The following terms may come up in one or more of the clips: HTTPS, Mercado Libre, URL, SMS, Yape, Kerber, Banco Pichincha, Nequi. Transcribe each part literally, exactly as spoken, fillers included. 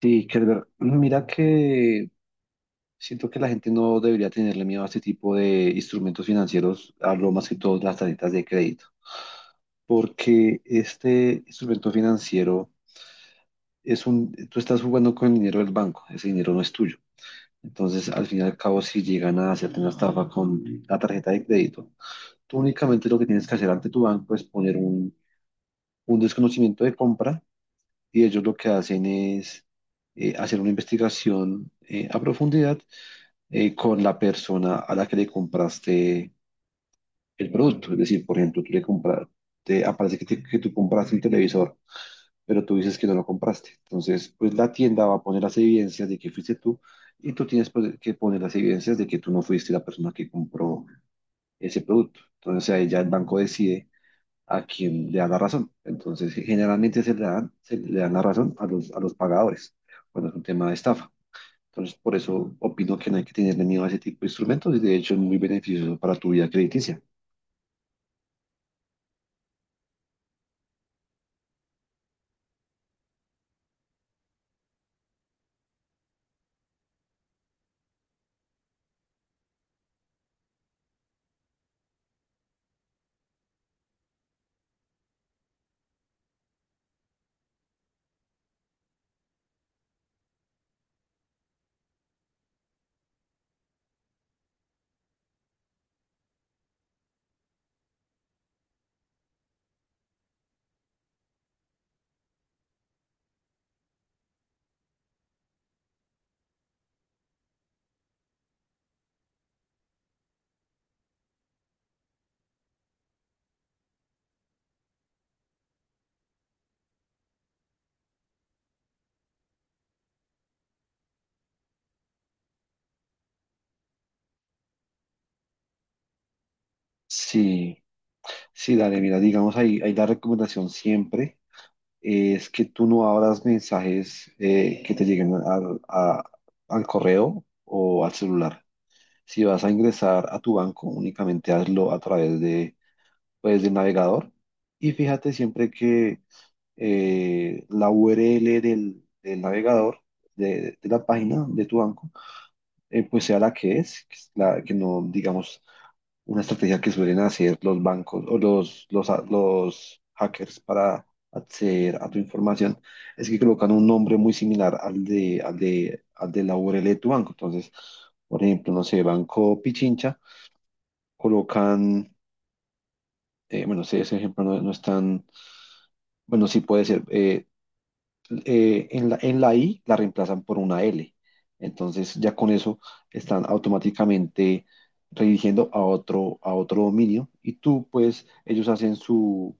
Sí, Kerber, mira que siento que la gente no debería tenerle miedo a este tipo de instrumentos financieros. Hablo más que todo de las tarjetas de crédito, porque este instrumento financiero es un, tú estás jugando con el dinero del banco, ese dinero no es tuyo. Entonces, al fin y al cabo, si llegan a hacerte una estafa con la tarjeta de crédito, tú únicamente lo que tienes que hacer ante tu banco es poner un, un desconocimiento de compra, y ellos lo que hacen es eh, hacer una investigación eh, a profundidad eh, con la persona a la que le compraste el producto. Es decir, por ejemplo, tú le compraste, aparece que, te- que tú compraste un televisor, pero tú dices que no lo compraste. Entonces, pues la tienda va a poner las evidencias de que fuiste tú, y tú tienes, pues, que poner las evidencias de que tú no fuiste la persona que compró ese producto. Entonces, ahí ya el banco decide a quién le da la razón. Entonces, generalmente se le dan, se le dan la razón a los, a los pagadores cuando es un tema de estafa. Entonces, por eso opino que no hay que tenerle miedo a ese tipo de instrumentos, y de hecho es muy beneficioso para tu vida crediticia. Sí, sí, dale, mira, digamos ahí, ahí la recomendación siempre es que tú no abras mensajes eh, que te lleguen al, a- al correo o al celular. Si vas a ingresar a tu banco, únicamente hazlo a través de, pues, del navegador, y fíjate siempre que eh, la U R L del, del navegador, de de la página de tu banco, eh, pues sea la que es, que, es la- que no, digamos, una estrategia que suelen hacer los bancos o los, los, ha- los hackers para acceder a tu información, es que colocan un nombre muy similar al de, al de, al de la U R L de tu banco. Entonces, por ejemplo, no sé, Banco Pichincha, colocan, eh, bueno, sé, ese ejemplo no, no es tan, bueno, sí puede ser, eh, eh, en la, en la I la reemplazan por una L. Entonces ya con eso están automáticamente redirigiendo a otro, a otro dominio, y tú, pues, ellos hacen su,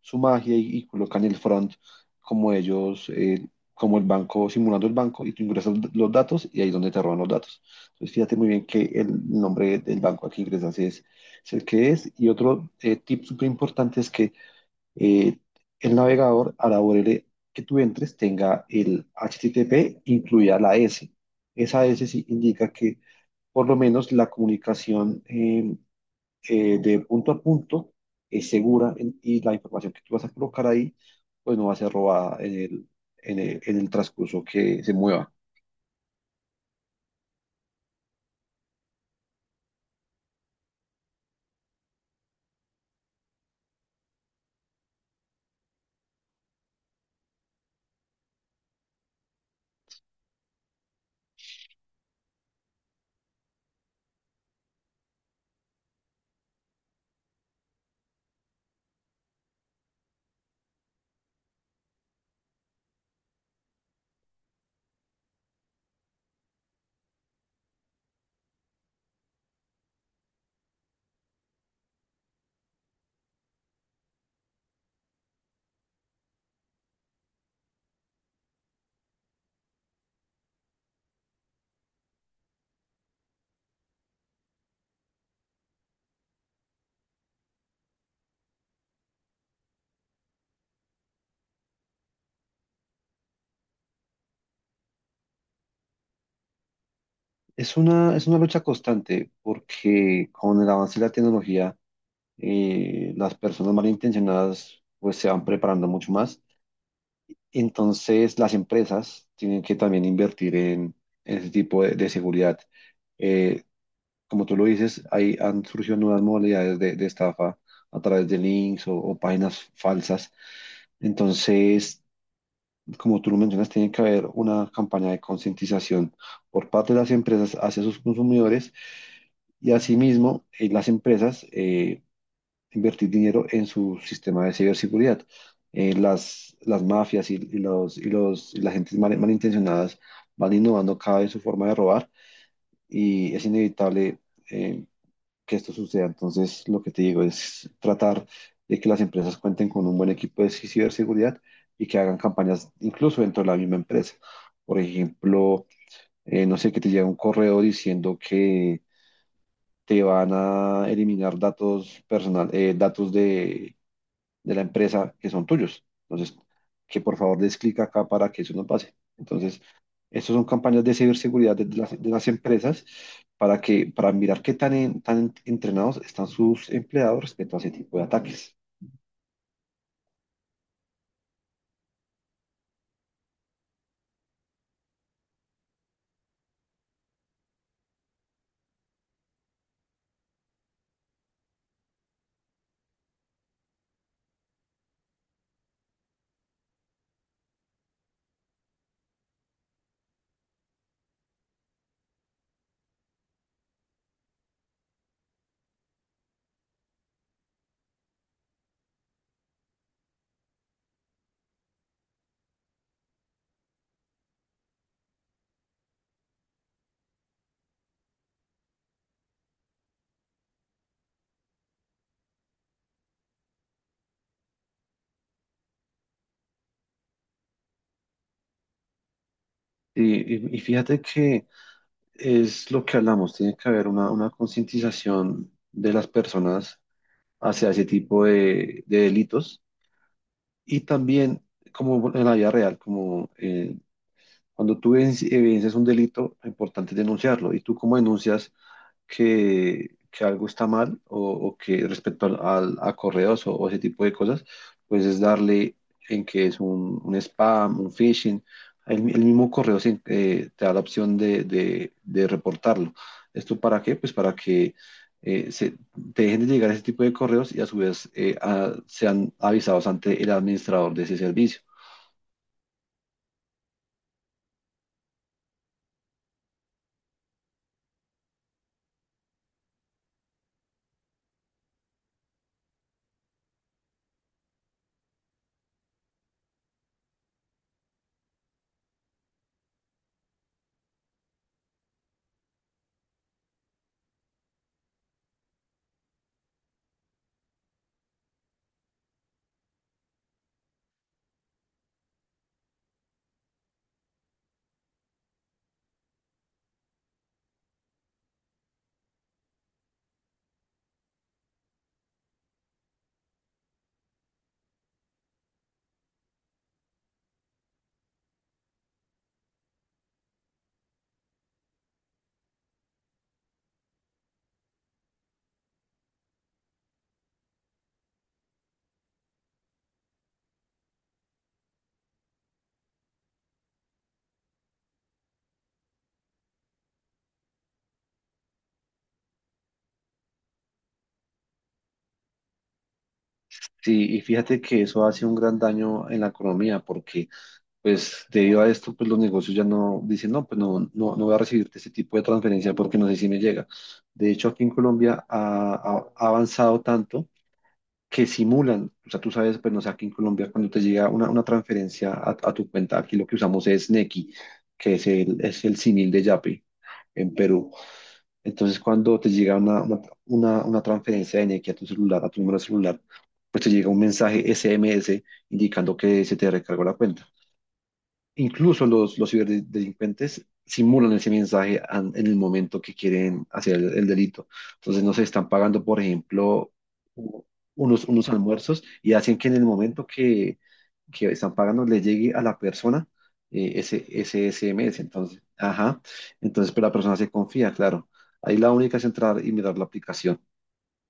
su magia, y, y colocan el front como ellos, eh, como el banco, simulando el banco, y tú ingresas los datos y ahí es donde te roban los datos. Entonces fíjate muy bien que el nombre del banco al que ingresas es, es el que es, y otro eh, tip súper importante es que eh, el navegador hará U R L que tú entres tenga el H T T P incluida la S. Esa S sí indica que por lo menos la comunicación eh, eh, de punto a punto es segura en- y la información que tú vas a colocar ahí pues no va a ser robada en el, en el, en el transcurso que se mueva. Es una, es una lucha constante porque con el avance de la tecnología eh, las personas malintencionadas pues se van preparando mucho más. Entonces, las empresas tienen que también invertir en, en ese tipo de, de seguridad. Eh, como tú lo dices, ahí han surgido nuevas modalidades de, de estafa a través de links o, o páginas falsas. Entonces, como tú lo mencionas, tiene que haber una campaña de concientización por parte de las empresas hacia sus consumidores, y asimismo, eh, las empresas eh, invertir dinero en su sistema de ciberseguridad. Eh, las, las mafias y, y los, y los, y las gentes mal- malintencionadas van innovando cada vez su forma de robar, y es inevitable eh, que esto suceda. Entonces, lo que te digo es tratar de que las empresas cuenten con un buen equipo de ciberseguridad y que hagan campañas incluso dentro de la misma empresa. Por ejemplo, eh, no sé, que te llega un correo diciendo que te van a eliminar datos personal, eh, datos de de la empresa que son tuyos. Entonces, que por favor des clic acá para que eso no pase. Entonces, estas son campañas de ciberseguridad de de las, de las empresas para que, para mirar qué tan, en- tan entrenados están sus empleados respecto a ese tipo de ataques. Y, y- y fíjate que es lo que hablamos, tiene que haber una, una concientización de las personas hacia ese tipo de, de delitos, y también como en la vida real, como eh, cuando tú evi- evidencias un delito, lo importante es denunciarlo. ¿Y tú cómo denuncias que, que algo está mal o, o que respecto al, al- a correos o, o ese tipo de cosas? Pues es darle en que es un, un spam, un phishing. El, el mismo correo se- eh, te da la opción de, de- de reportarlo. ¿Esto para qué? Pues para que eh, se, te dejen de llegar ese tipo de correos, y a su vez eh, a- sean avisados ante el administrador de ese servicio. Sí, y fíjate que eso hace un gran daño en la economía porque, pues, debido a esto, pues los negocios ya no dicen, no, pues no, no, no voy a recibirte este tipo de transferencia porque no sé si me llega. De hecho, aquí en Colombia ha, ha- ha avanzado tanto que simulan. O sea, tú sabes, pues no sé, aquí en Colombia cuando te llega una, una transferencia a, a tu cuenta, aquí lo que usamos es Nequi, que es el, es el símil de Yape en Perú. Entonces, cuando te llega una, una, una- una transferencia de energía a tu celular, a tu número celular, pues te llega un mensaje S M S indicando que se te recargó la cuenta. Incluso los, los ciberdelincuentes simulan ese mensaje an- en el momento que quieren hacer el, el delito. Entonces, no se están pagando, por ejemplo, u- unos, unos almuerzos, y hacen que en el momento que, que están pagando le llegue a la persona eh, ese, ese S M S. Entonces, ajá. Entonces, pero la persona se confía, claro. Ahí la única es entrar y mirar la aplicación,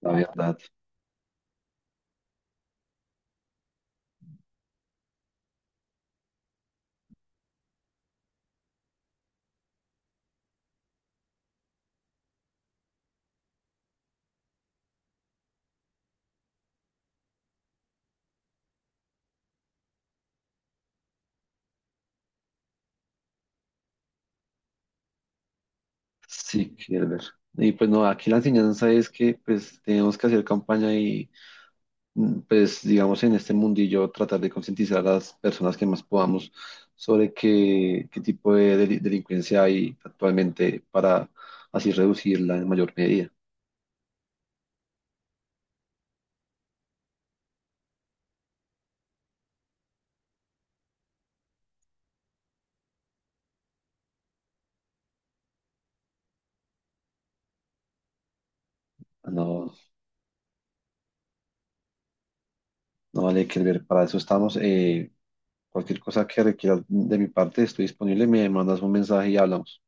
la verdad. Sí, quiero ver. Y pues no, aquí la enseñanza es que pues tenemos que hacer campaña y, mm, pues digamos en este mundillo tratar de concientizar a las personas que más podamos sobre qué, qué tipo de deli- delincuencia hay actualmente para así reducirla en mayor medida. No, no vale que ver, para eso estamos. Eh, cualquier cosa que requieras de mi parte, estoy disponible, me mandas un mensaje y hablamos.